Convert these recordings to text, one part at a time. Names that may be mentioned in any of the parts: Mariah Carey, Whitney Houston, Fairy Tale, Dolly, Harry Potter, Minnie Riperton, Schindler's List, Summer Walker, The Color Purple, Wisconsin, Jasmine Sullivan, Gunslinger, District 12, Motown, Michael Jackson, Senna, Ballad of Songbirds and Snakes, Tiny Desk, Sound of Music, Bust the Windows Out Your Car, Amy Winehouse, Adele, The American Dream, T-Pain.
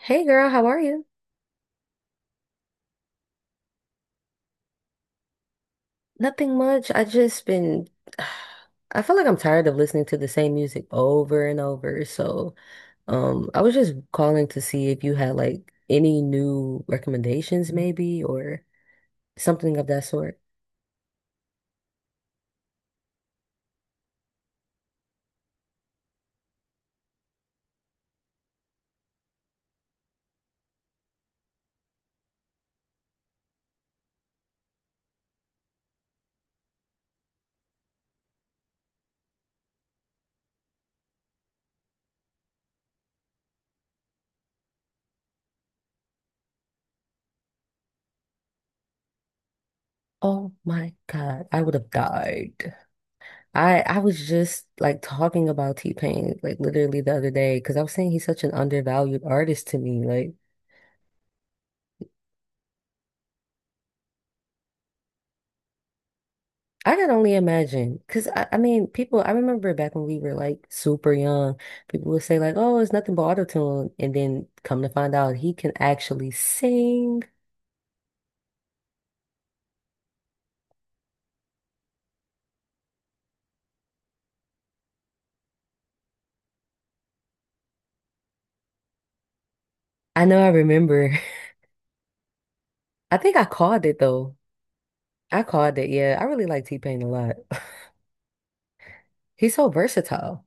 Hey girl, how are you? Nothing much. I just been I feel like I'm tired of listening to the same music over and over. So, I was just calling to see if you had like any new recommendations maybe or something of that sort. Oh my God, I would have died. I was just like talking about T-Pain like literally the other day because I was saying he's such an undervalued artist to me. Like I can only imagine, because I mean, people, I remember back when we were like super young, people would say like, oh, it's nothing but autotune. And then come to find out he can actually sing. I know I remember. I think I called it though. I called it. Yeah. I really like T-Pain a lot. He's so versatile.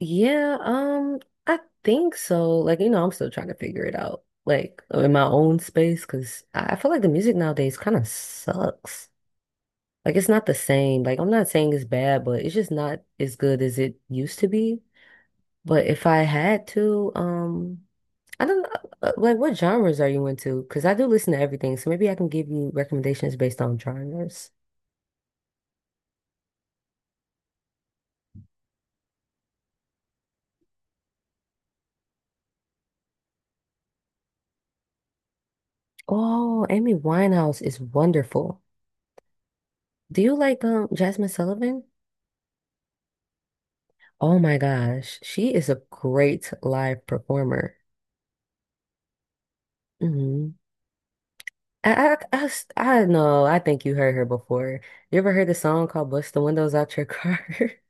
Yeah. I think so. Like, you know, I'm still trying to figure it out, like in my own space, because I feel like the music nowadays kind of sucks. Like it's not the same. Like I'm not saying it's bad, but it's just not as good as it used to be. But if I had to, I don't know, like what genres are you into? Because I do listen to everything, so maybe I can give you recommendations based on genres. Oh, Amy Winehouse is wonderful. Do you like Jasmine Sullivan? Oh my gosh, she is a great live performer. hmm I know, I think you heard her before. You ever heard the song called Bust the Windows Out Your Car?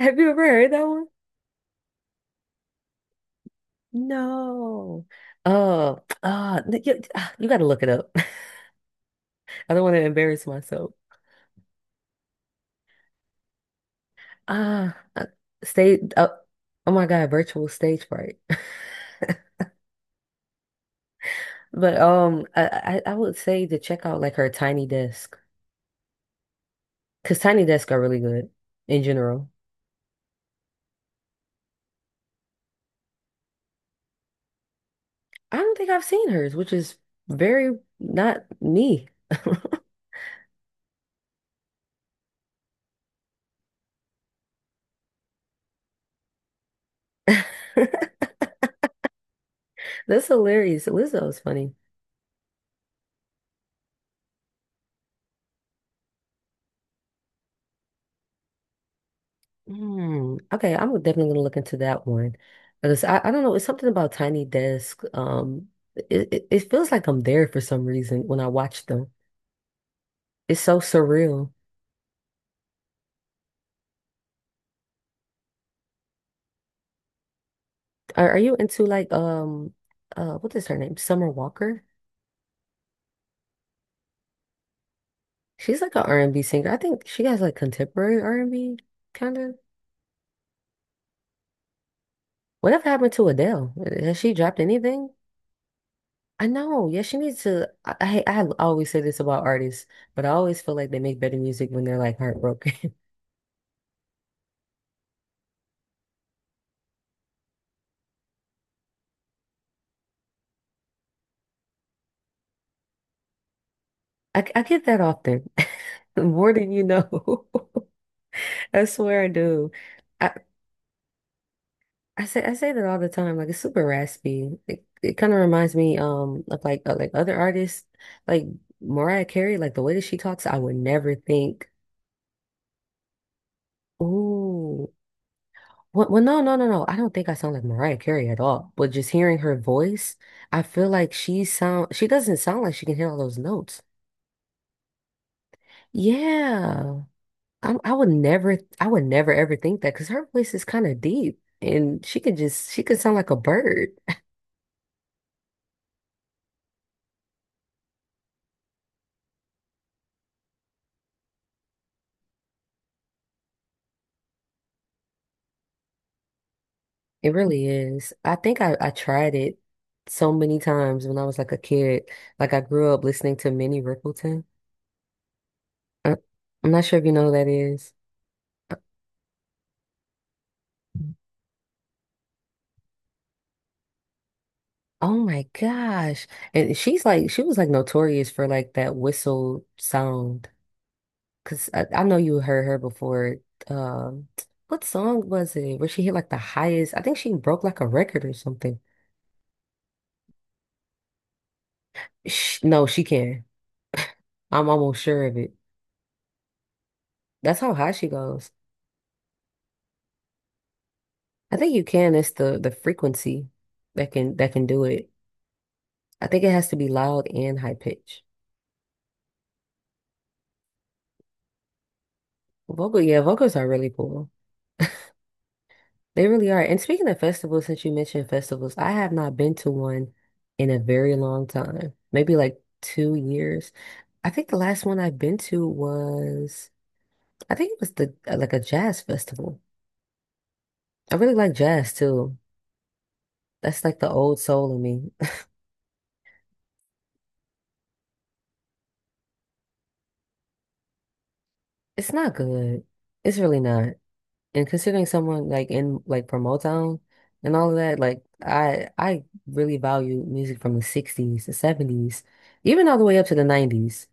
Have you ever heard that one? No. You you got to look it up. I don't want to embarrass myself. Ah, uh, stage. Oh my God, virtual stage fright. But I would say to check out like her Tiny Desk because Tiny Desk are really good in general. I don't think I've seen hers, which is very not me. That's hilarious. Lizzo's funny. Hmm. Okay, I'm definitely gonna look into that one because I don't know. It's something about Tiny Desk. It feels like I'm there for some reason when I watch them. It's so surreal. Are you into like what is her name? Summer Walker? She's like an R&B singer. I think she has like contemporary R&B kind of. Whatever happened to Adele? Has she dropped anything? I know. Yeah, she needs to. I always say this about artists, but I always feel like they make better music when they're like heartbroken. I get that often, more than you know. I swear I do. I, I say that all the time. Like it's super raspy. It kind of reminds me of like other artists, like Mariah Carey. Like the way that she talks, I would never think. Ooh, well, no, no, no, no. I don't think I sound like Mariah Carey at all. But just hearing her voice, I feel like she sound. She doesn't sound like she can hit all those notes. Yeah. I would never, I would never ever think that because her voice is kind of deep and she could just, she could sound like a bird. It really is. I think I tried it so many times when I was like a kid. Like I grew up listening to Minnie Riperton. I, I'm not sure if you know who that is. Uh, Oh my gosh. And she was like notorious for like that whistle sound. Cause I know you heard her before. Um, what song was it where she hit like the highest? I think she broke like a record or something. Sh no, she can. I'm almost sure of it. That's how high she goes. I think you can. It's the frequency that can do it. I think it has to be loud and high pitch. Vocal, yeah, vocals are really cool. They really are. And speaking of festivals, since you mentioned festivals, I have not been to one in a very long time. Maybe like 2 years. I think the last one I've been to was I think it was the like a jazz festival. I really like jazz too. That's like the old soul in me. It's not good. It's really not. And considering someone like in like from Motown and all of that, like I really value music from the 60s, the 70s, even all the way up to the 90s.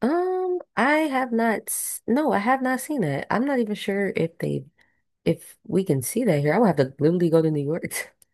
I have not no, I have not seen that. I'm not even sure if they if we can see that here. I would have to literally go to New York.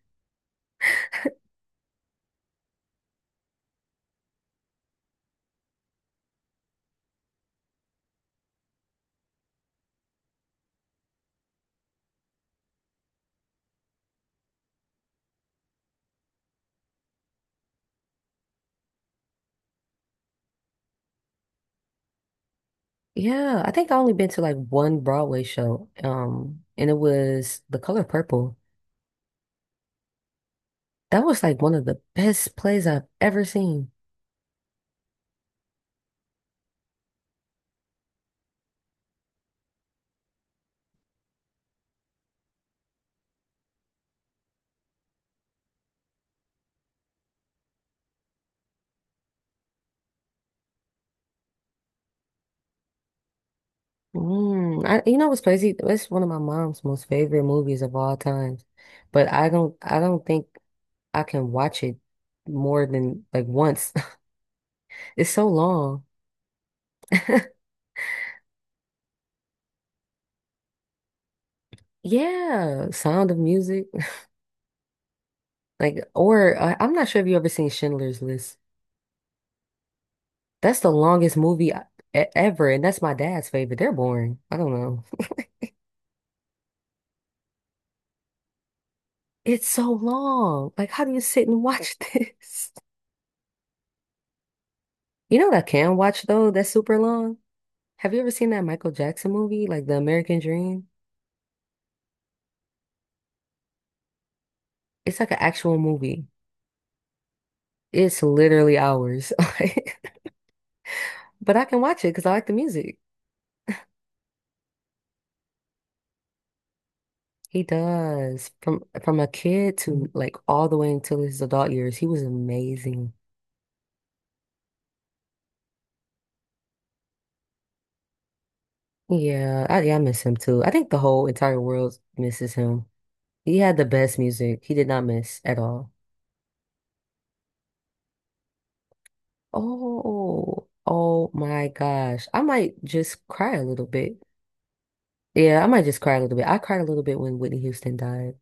Yeah, I think I only been to like one Broadway show, and it was The Color Purple. That was like one of the best plays I've ever seen. You know what's crazy? It's one of my mom's most favorite movies of all time, but I don't think I can watch it more than like once. It's so long. Yeah, Sound of Music, like, or I'm not sure if you ever seen Schindler's List. That's the longest movie ever, and that's my dad's favorite. They're boring. I don't know. It's so long. Like, how do you sit and watch this? You know what I can watch though? That's super long. Have you ever seen that Michael Jackson movie, like The American Dream? It's like an actual movie. It's literally hours. Like, but I can watch it because I like the music. He does. From a kid to like all the way until his adult years, he was amazing. Yeah, I miss him too. I think the whole entire world misses him. He had the best music. He did not miss at all. Oh, oh my gosh. I might just cry a little bit. Yeah, I might just cry a little bit. I cried a little bit when Whitney Houston died.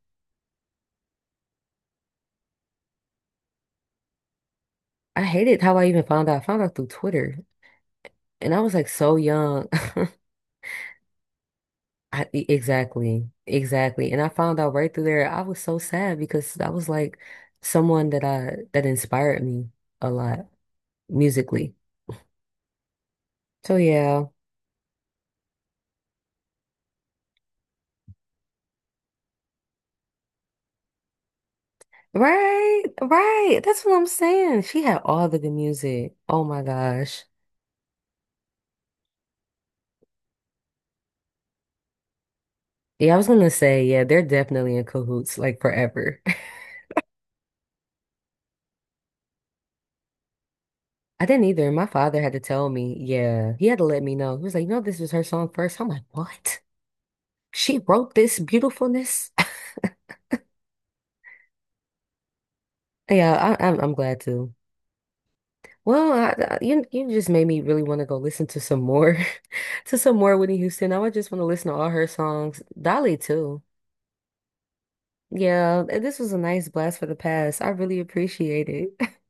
I hated how I even found out. I found out through Twitter. And I was like so young. Exactly. Exactly. And I found out right through there. I was so sad because that was like someone that inspired me a lot musically. So yeah. Right, right. That's what I'm saying. She had all the good music. Oh my gosh. Yeah, I was gonna say, yeah, they're definitely in cahoots, like forever. I didn't either. My father had to tell me, yeah, he had to let me know. He was like, you know, this was her song first. I'm like, what? She wrote this beautifulness? I'm glad to. Well, you just made me really want to go listen to some more, to some more Whitney Houston. Now I just want to listen to all her songs, Dolly too. Yeah, this was a nice blast for the past. I really appreciate it.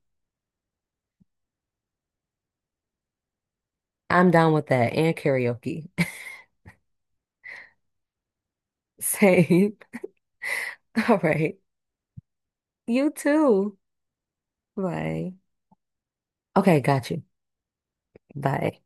I'm down with that and karaoke. Same. All right. You too. Bye. Okay, got you. Bye.